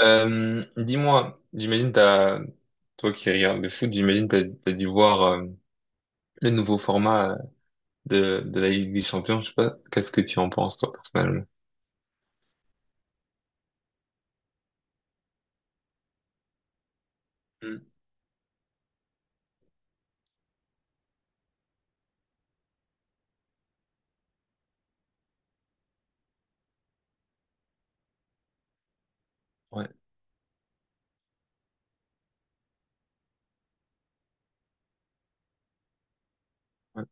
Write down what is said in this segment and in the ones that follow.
Dis-moi, toi qui regardes le foot, t'as dû voir le nouveau format de la Ligue des Champions. Je sais pas, qu'est-ce que tu en penses toi personnellement? Mm. Ouais, ouais,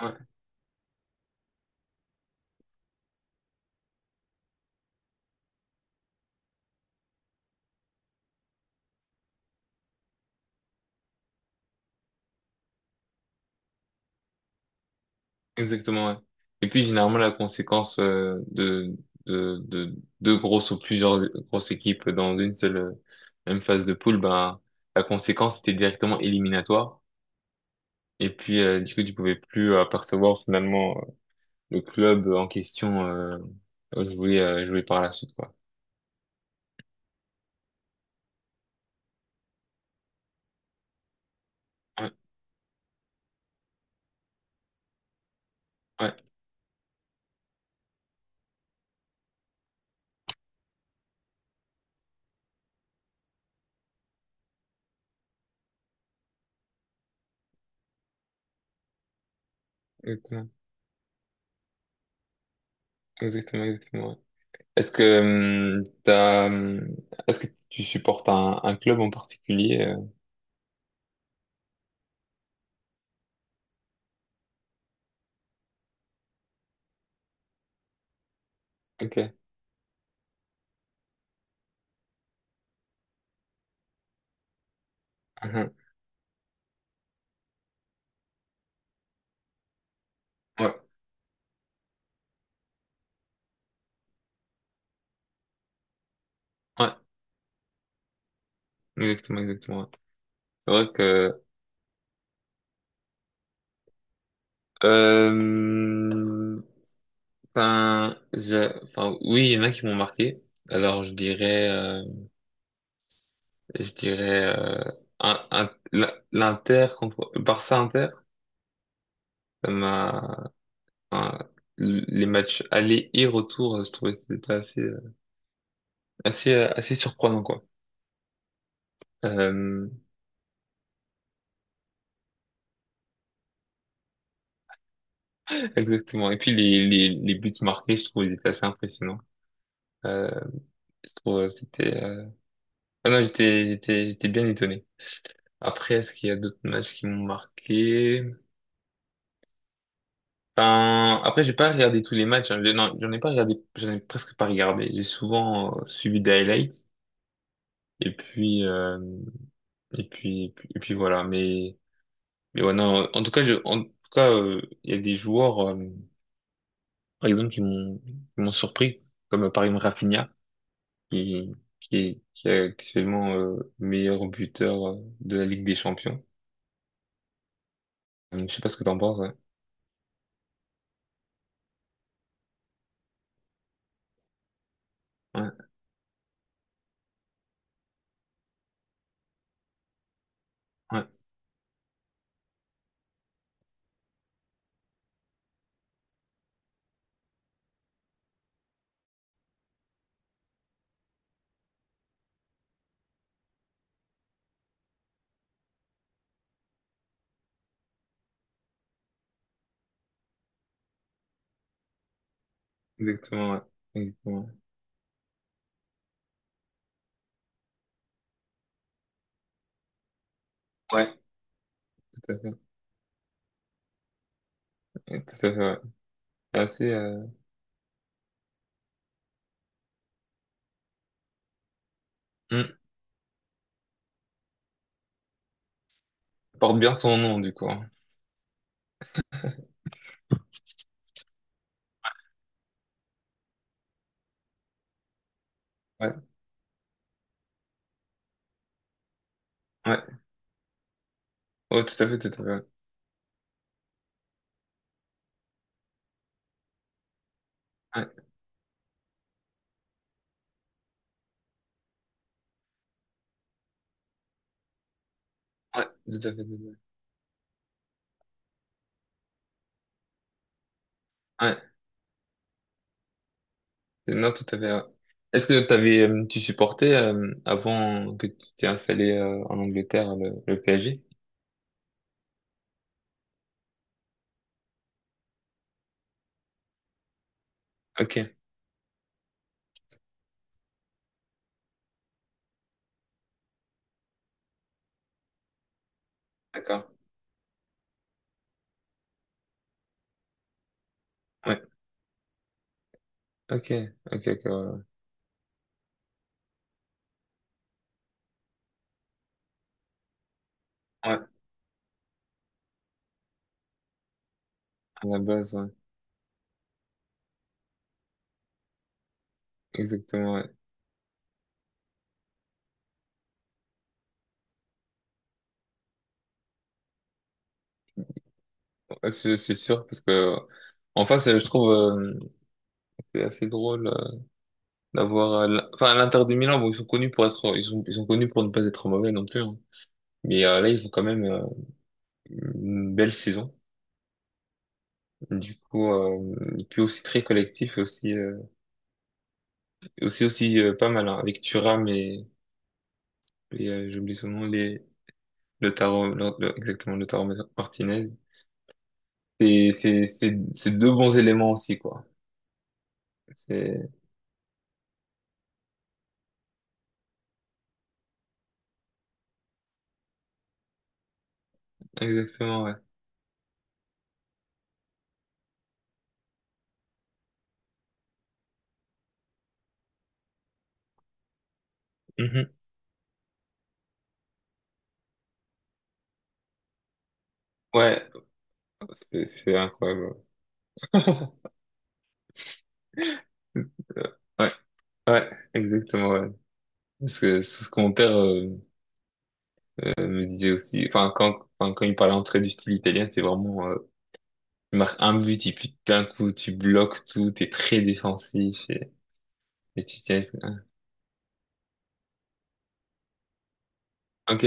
ouais, exactement. Ouais. Et puis généralement la conséquence de deux grosses ou plusieurs grosses équipes dans une seule même phase de poule, ben la conséquence était directement éliminatoire. Et puis du coup tu pouvais plus apercevoir finalement le club en question jouer par la suite, quoi. Ouais, ouais, exactement, exactement, exactement. Ouais. Est-ce que euh, t'as, euh, Est-ce que tu supportes un club en particulier? Ok. Mhm. Ouais, ouais, exactement. Ouais. C'est vrai que, euh, enfin, oui, il y en a qui m'ont marqué. Alors, je dirais, un, un- l'Inter contre Barça Inter, ça m'a Enfin, les matchs aller et retour, je trouvais que c'était assez surprenant, quoi. Euh, exactement. Et puis les buts marqués, je trouve, ils étaient assez impressionnants. Euh, je trouve euh, c'était... euh, Ah non, j'étais bien étonné. Après, est-ce qu'il y a d'autres matchs qui m'ont marqué? Enfin, après, j'ai pas regardé tous les matchs, hein. Non, j'en ai presque pas regardé. J'ai souvent suivi des highlights. Et puis, euh, et puis voilà. Mais ouais, non, en tout cas, il y a des joueurs, par exemple, qui m'ont surpris, comme par exemple Rafinha, qui, qui est actuellement meilleur buteur de la Ligue des Champions. Je sais pas ce que t'en penses. Ouais, ouais, ouais, exactement, ouais, exactement. Ouais, tout à fait, ouais, tout à fait. Ouais. C'est assez, hmm, porte bien son nom du coup, hein. Ouais, ouais, oh, tout à fait. Ouais, ouais, ouais, tout à fait. Ouais, non, tout à fait. Ouais. Tu supportais avant que tu t'es installé en Angleterre le PSG? Ok, d'accord. Ouais, ok, ok. Ouais, Ouais, à la base, ouais. Exactement, ouais. Ouais, c'est sûr, parce que en face, je trouve c'est assez drôle enfin, à l'Inter de Milan, bon, ils sont connus pour ne pas être mauvais non plus, hein. Mais là, ils font quand même une belle saison. Du coup, et puis aussi très collectif, aussi... aussi pas mal hein, avec Thuram et j'oublie son nom, le tarot, le- exactement, le tarot Martinez. C'est deux bons éléments aussi, quoi. C'est exactement, ouais. Mhm. Ouais, c'est incroyable. Ouais, ouais, exactement, ouais. Parce que c'est ce que mon père me disait aussi. Enfin, quand il parlait en tout du style italien, c'est vraiment, tu marques un but et puis d'un coup, tu bloques tout, t'es très défensif et tu tiens. Ok,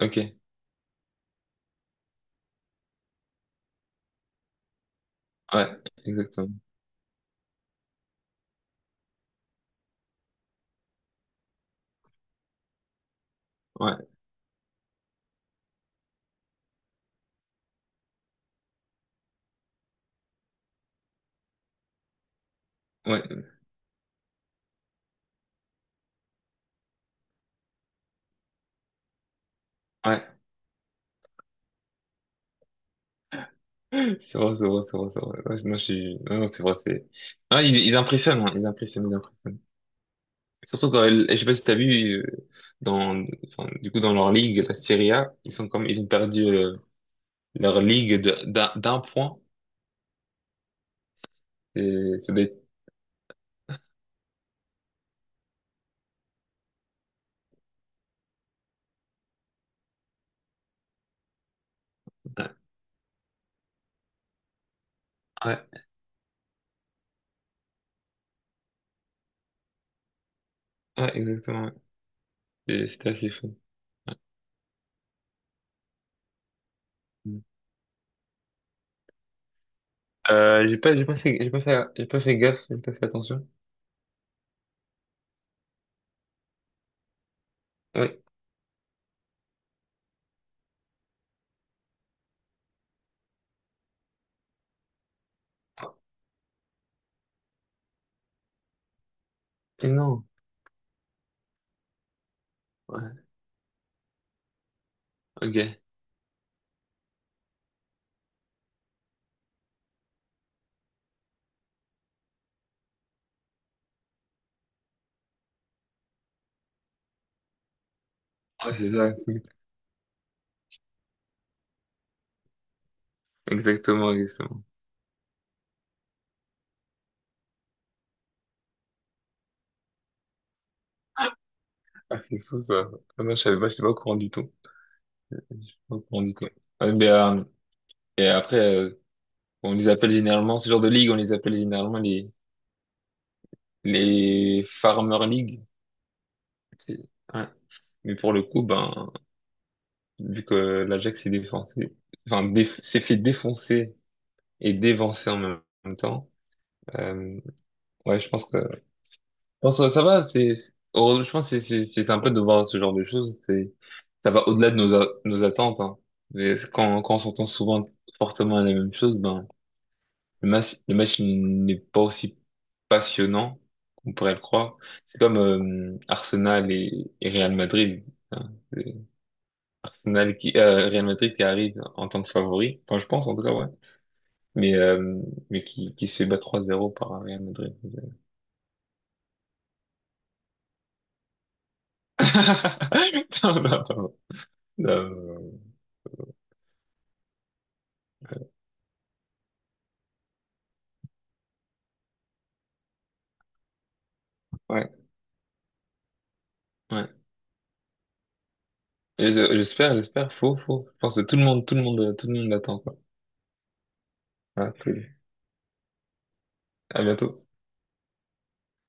ok. Ouais, exactement. Ouais, ouais, ouais. C'est vrai. Ouais, non, je suis... Non, Non, c'est vrai, c'est... ils impressionnent, hein, ils impressionnent. Surtout quand... Je sais pas si t'as vu, dans... enfin, du coup, dans leur ligue, la Serie A, Ils ont perdu leur ligue d'un point. Et ça doit être- Ouais, ouais, ouais, exactement. Ouais. Et c'était assez fou. Mm. J'ai pas fait gaffe, j'ai pas fait attention. Ouais. Et non. Ouais, ok. Ouais, c'est ça. C'est- exactement, exactement. Ah, c'est fou ça. Ah, moi, je savais pas, j'étais pas au courant du tout. J'étais Pas au courant du tout. Ouais, mais, et après, on les appelle généralement, ce genre de ligue, on les appelle généralement les Farmer League. C'est- ouais. Mais pour le coup, ben, vu que l'Ajax s'est défoncé, s'est fait défoncer et dévancer en même temps, euh, ouais, je pense que bon, ça va, heureusement, je pense que c'est sympa de voir ce genre de choses. Ça va au-delà de nos attentes. Hein. Mais quand on s'entend souvent fortement à la même chose, ben, le match n'est pas aussi passionnant qu'on pourrait le croire. C'est comme Arsenal et Real Madrid, hein. Real Madrid qui arrive en tant que favori, enfin, je pense en tout cas, ouais. Mais, qui se fait battre 3-0 par un Real Madrid. Non, non, non, non. Ouais, ouais. J'espère, j'espère. Faux, faux. Je pense que tout le monde l'attend, quoi. Ouais, cool. À bientôt.